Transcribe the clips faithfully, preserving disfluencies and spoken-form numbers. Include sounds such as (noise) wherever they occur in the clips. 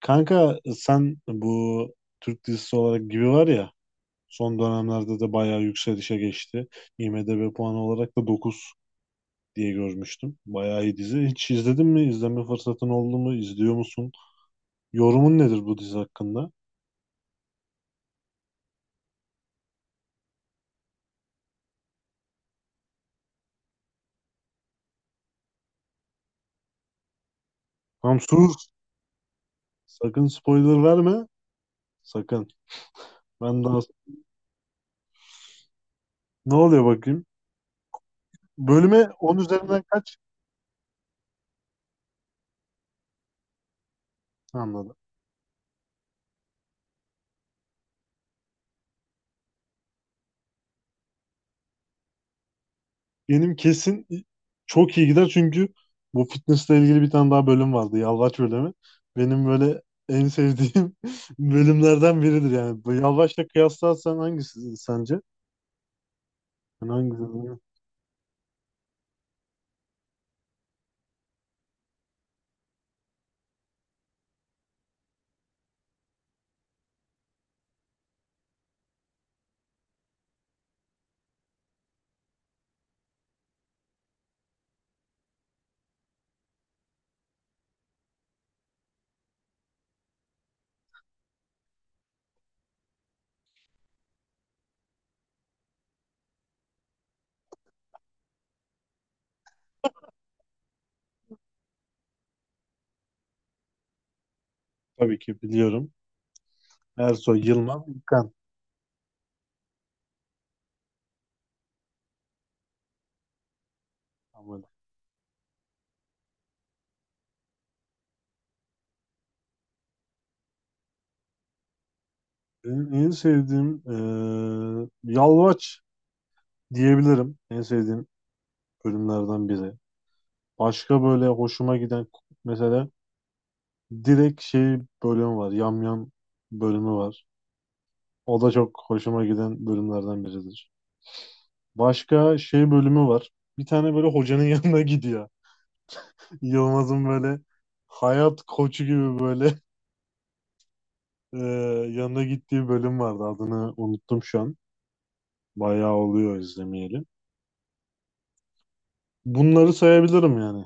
Kanka sen bu Türk dizisi olarak gibi var ya son dönemlerde de bayağı yükselişe geçti. I M D B puanı olarak da dokuz diye görmüştüm. Bayağı iyi dizi. Hiç izledin mi? İzleme fırsatın oldu mu? İzliyor musun? Yorumun nedir bu dizi hakkında? Hamsur, sakın spoiler verme. Sakın. Ben daha ne oluyor bakayım? Bölüme on üzerinden kaç? Anladım. Benim kesin çok iyi gider çünkü bu fitnessle ilgili bir tane daha bölüm vardı. Yalvaç bölümü. Benim böyle en sevdiğim (laughs) bölümlerden biridir yani. Bu Yalvaç'la kıyaslarsan hangisi sence? Ben hangisi? Tabii ki biliyorum. Ersoy, Yılmaz, İlkan. Ama benim en sevdiğim eee, Yalvaç diyebilirim. En sevdiğim bölümlerden biri. Başka böyle hoşuma giden mesela direkt şey bölümü var. Yamyam bölümü var. O da çok hoşuma giden bölümlerden biridir. Başka şey bölümü var. Bir tane böyle hocanın (laughs) yanına gidiyor. Yılmaz'ın böyle hayat koçu gibi böyle (laughs) e, yanına gittiği bölüm vardı. Adını unuttum şu an. Bayağı oluyor izlemeyeli. Bunları sayabilirim yani.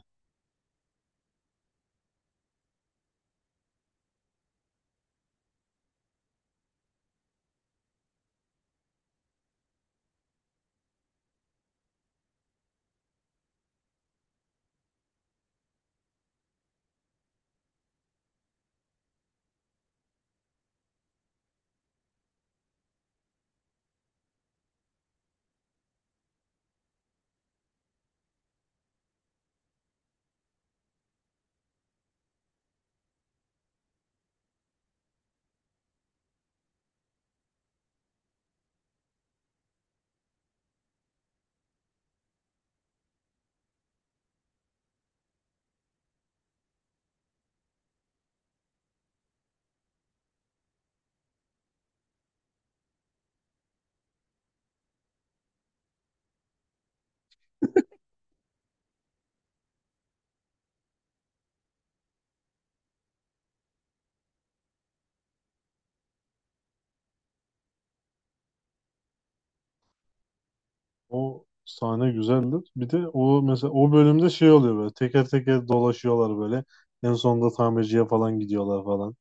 O sahne güzeldir. Bir de o mesela o bölümde şey oluyor böyle teker teker dolaşıyorlar böyle. En sonunda tamirciye falan gidiyorlar falan.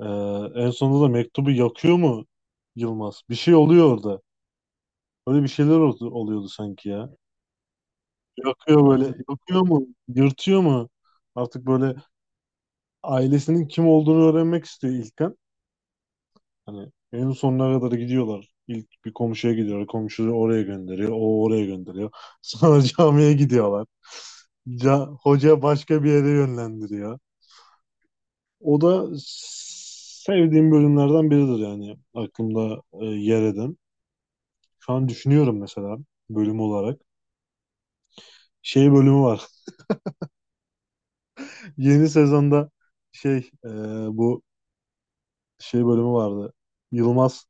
E, en sonunda da mektubu yakıyor mu Yılmaz? Bir şey oluyor orada. Öyle bir şeyler oldu, oluyordu sanki ya. Yakıyor böyle. Yakıyor mu? Yırtıyor mu? Artık böyle ailesinin kim olduğunu öğrenmek istiyor İlkan. Hani en sonuna kadar gidiyorlar. İlk bir komşuya gidiyorlar. Komşuyu oraya gönderiyor. O oraya gönderiyor. (laughs) Sonra camiye gidiyorlar. Ca Hoca başka bir yere yönlendiriyor. O da sevdiğim bölümlerden biridir yani. Aklımda e, yer eden. Şu an düşünüyorum mesela bölüm olarak. Şey bölümü var. Yeni sezonda şey e, bu şey bölümü vardı. Yılmaz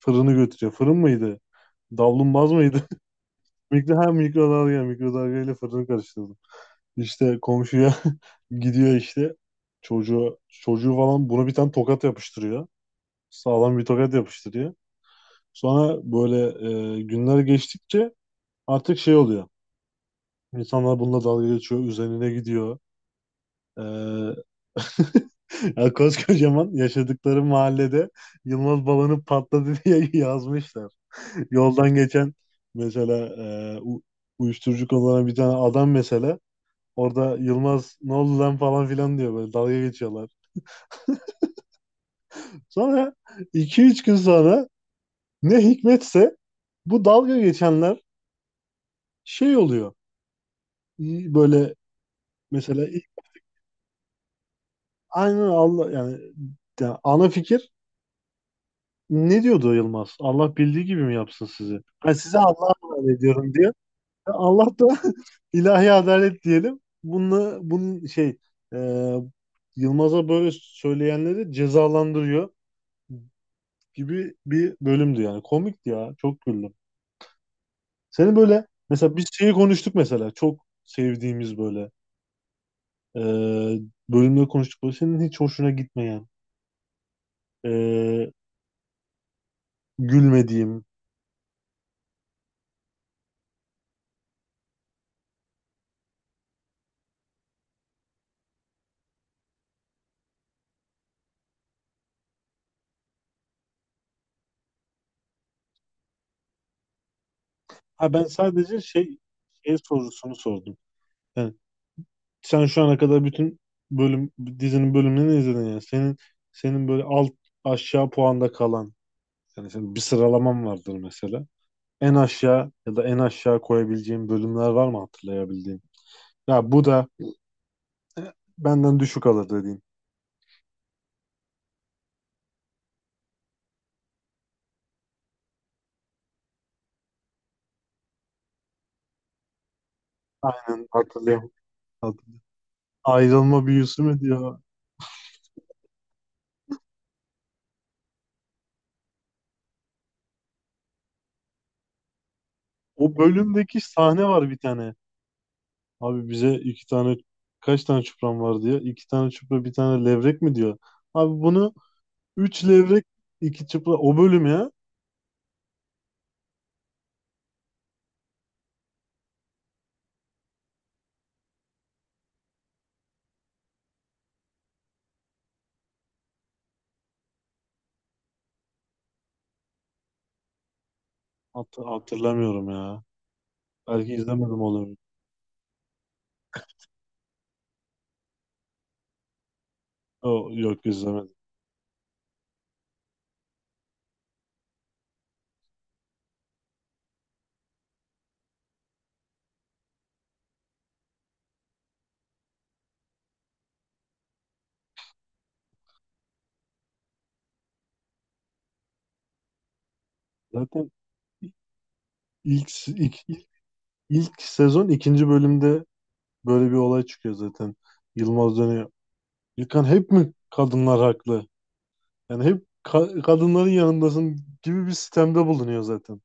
fırını götürüyor. Fırın mıydı? Davlumbaz mıydı? (laughs) Mikro, ha mikrodalga. Mikrodalga ile fırını karıştırdım. İşte komşuya (laughs) gidiyor işte. Çocuğu, çocuğu falan buna bir tane tokat yapıştırıyor. Sağlam bir tokat yapıştırıyor. Sonra böyle e, günler geçtikçe artık şey oluyor. İnsanlar bununla dalga geçiyor. Üzerine gidiyor. E, (laughs) Ya, koskocaman yaşadıkları mahallede Yılmaz balonu patladı (laughs) diye yazmışlar. Yoldan geçen mesela e, u- uyuşturucu kullanan bir tane adam mesela orada Yılmaz ne oldu lan falan filan diyor böyle dalga geçiyorlar. Sonra iki üç gün sonra ne hikmetse bu dalga geçenler şey oluyor. İyi. Böyle mesela ilk- aynen Allah yani, yani ana fikir. Ne diyordu Yılmaz? Allah bildiği gibi mi yapsın sizi? Ben size Allah'a emanet ediyorum diyor. Allah da (laughs) ilahi adalet diyelim. Bununla, bunun şey e, Yılmaz'a böyle söyleyenleri cezalandırıyor gibi bir bölümdü yani. Komikti ya. Çok güldüm. Senin böyle mesela biz şeyi konuştuk mesela. Çok sevdiğimiz böyle e, bölümleri konuştuk. Böyle senin hiç hoşuna gitmeyen e, gülmediğim. Ha, ben sadece şey şey sorusunu sordum. Yani sen şu ana kadar bütün bölüm dizinin bölümlerini izledin yani. Senin senin böyle alt aşağı puanda kalan, yani senin bir sıralaman vardır mesela. En aşağı ya da en aşağı koyabileceğin bölümler var mı hatırlayabildiğin? Ya bu da benden düşük alır dediğin. Aynen, hatırlayam. hat- Ayrılma büyüsü mü diyor. O bölümdeki sahne var bir tane. Abi bize iki tane kaç tane çupram var diyor. İki tane çupra bir tane levrek mi diyor. Abi bunu üç levrek iki çupra o bölüm ya. Hat- hatırlamıyorum ya. Belki izlemedim olabilir. O, yok izlemedim. Zaten ilk, ilk, ilk, sezon ikinci bölümde böyle bir olay çıkıyor zaten. Yılmaz dönüyor. İlkan, hep mi kadınlar haklı? Yani hep ka- kadınların yanındasın gibi bir sistemde bulunuyor zaten.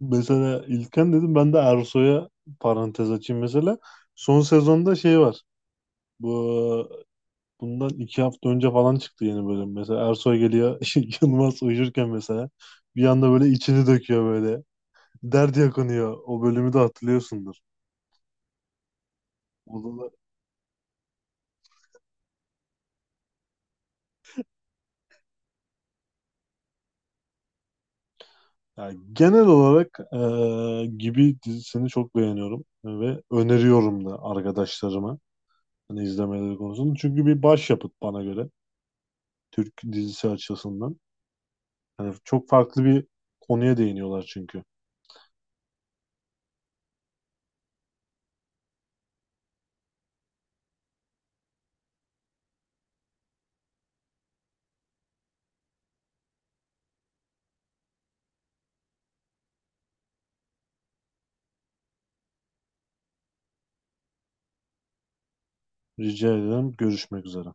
Mesela İlkan dedim, ben de Ersoy'a parantez açayım mesela. Son sezonda şey var. Bu Bundan iki hafta önce falan çıktı yeni bölüm. Mesela Ersoy geliyor (laughs) Yılmaz uyurken mesela bir anda böyle içini döküyor böyle. Dert yakınıyor. O bölümü de hatırlıyorsundur. O da- yani genel olarak eee, gibi dizisini çok beğeniyorum ve öneriyorum da arkadaşlarıma hani izlemeleri konusunda. Çünkü bir başyapıt bana göre Türk dizisi açısından. Hani çok farklı bir konuya değiniyorlar çünkü. Rica ederim. Görüşmek üzere.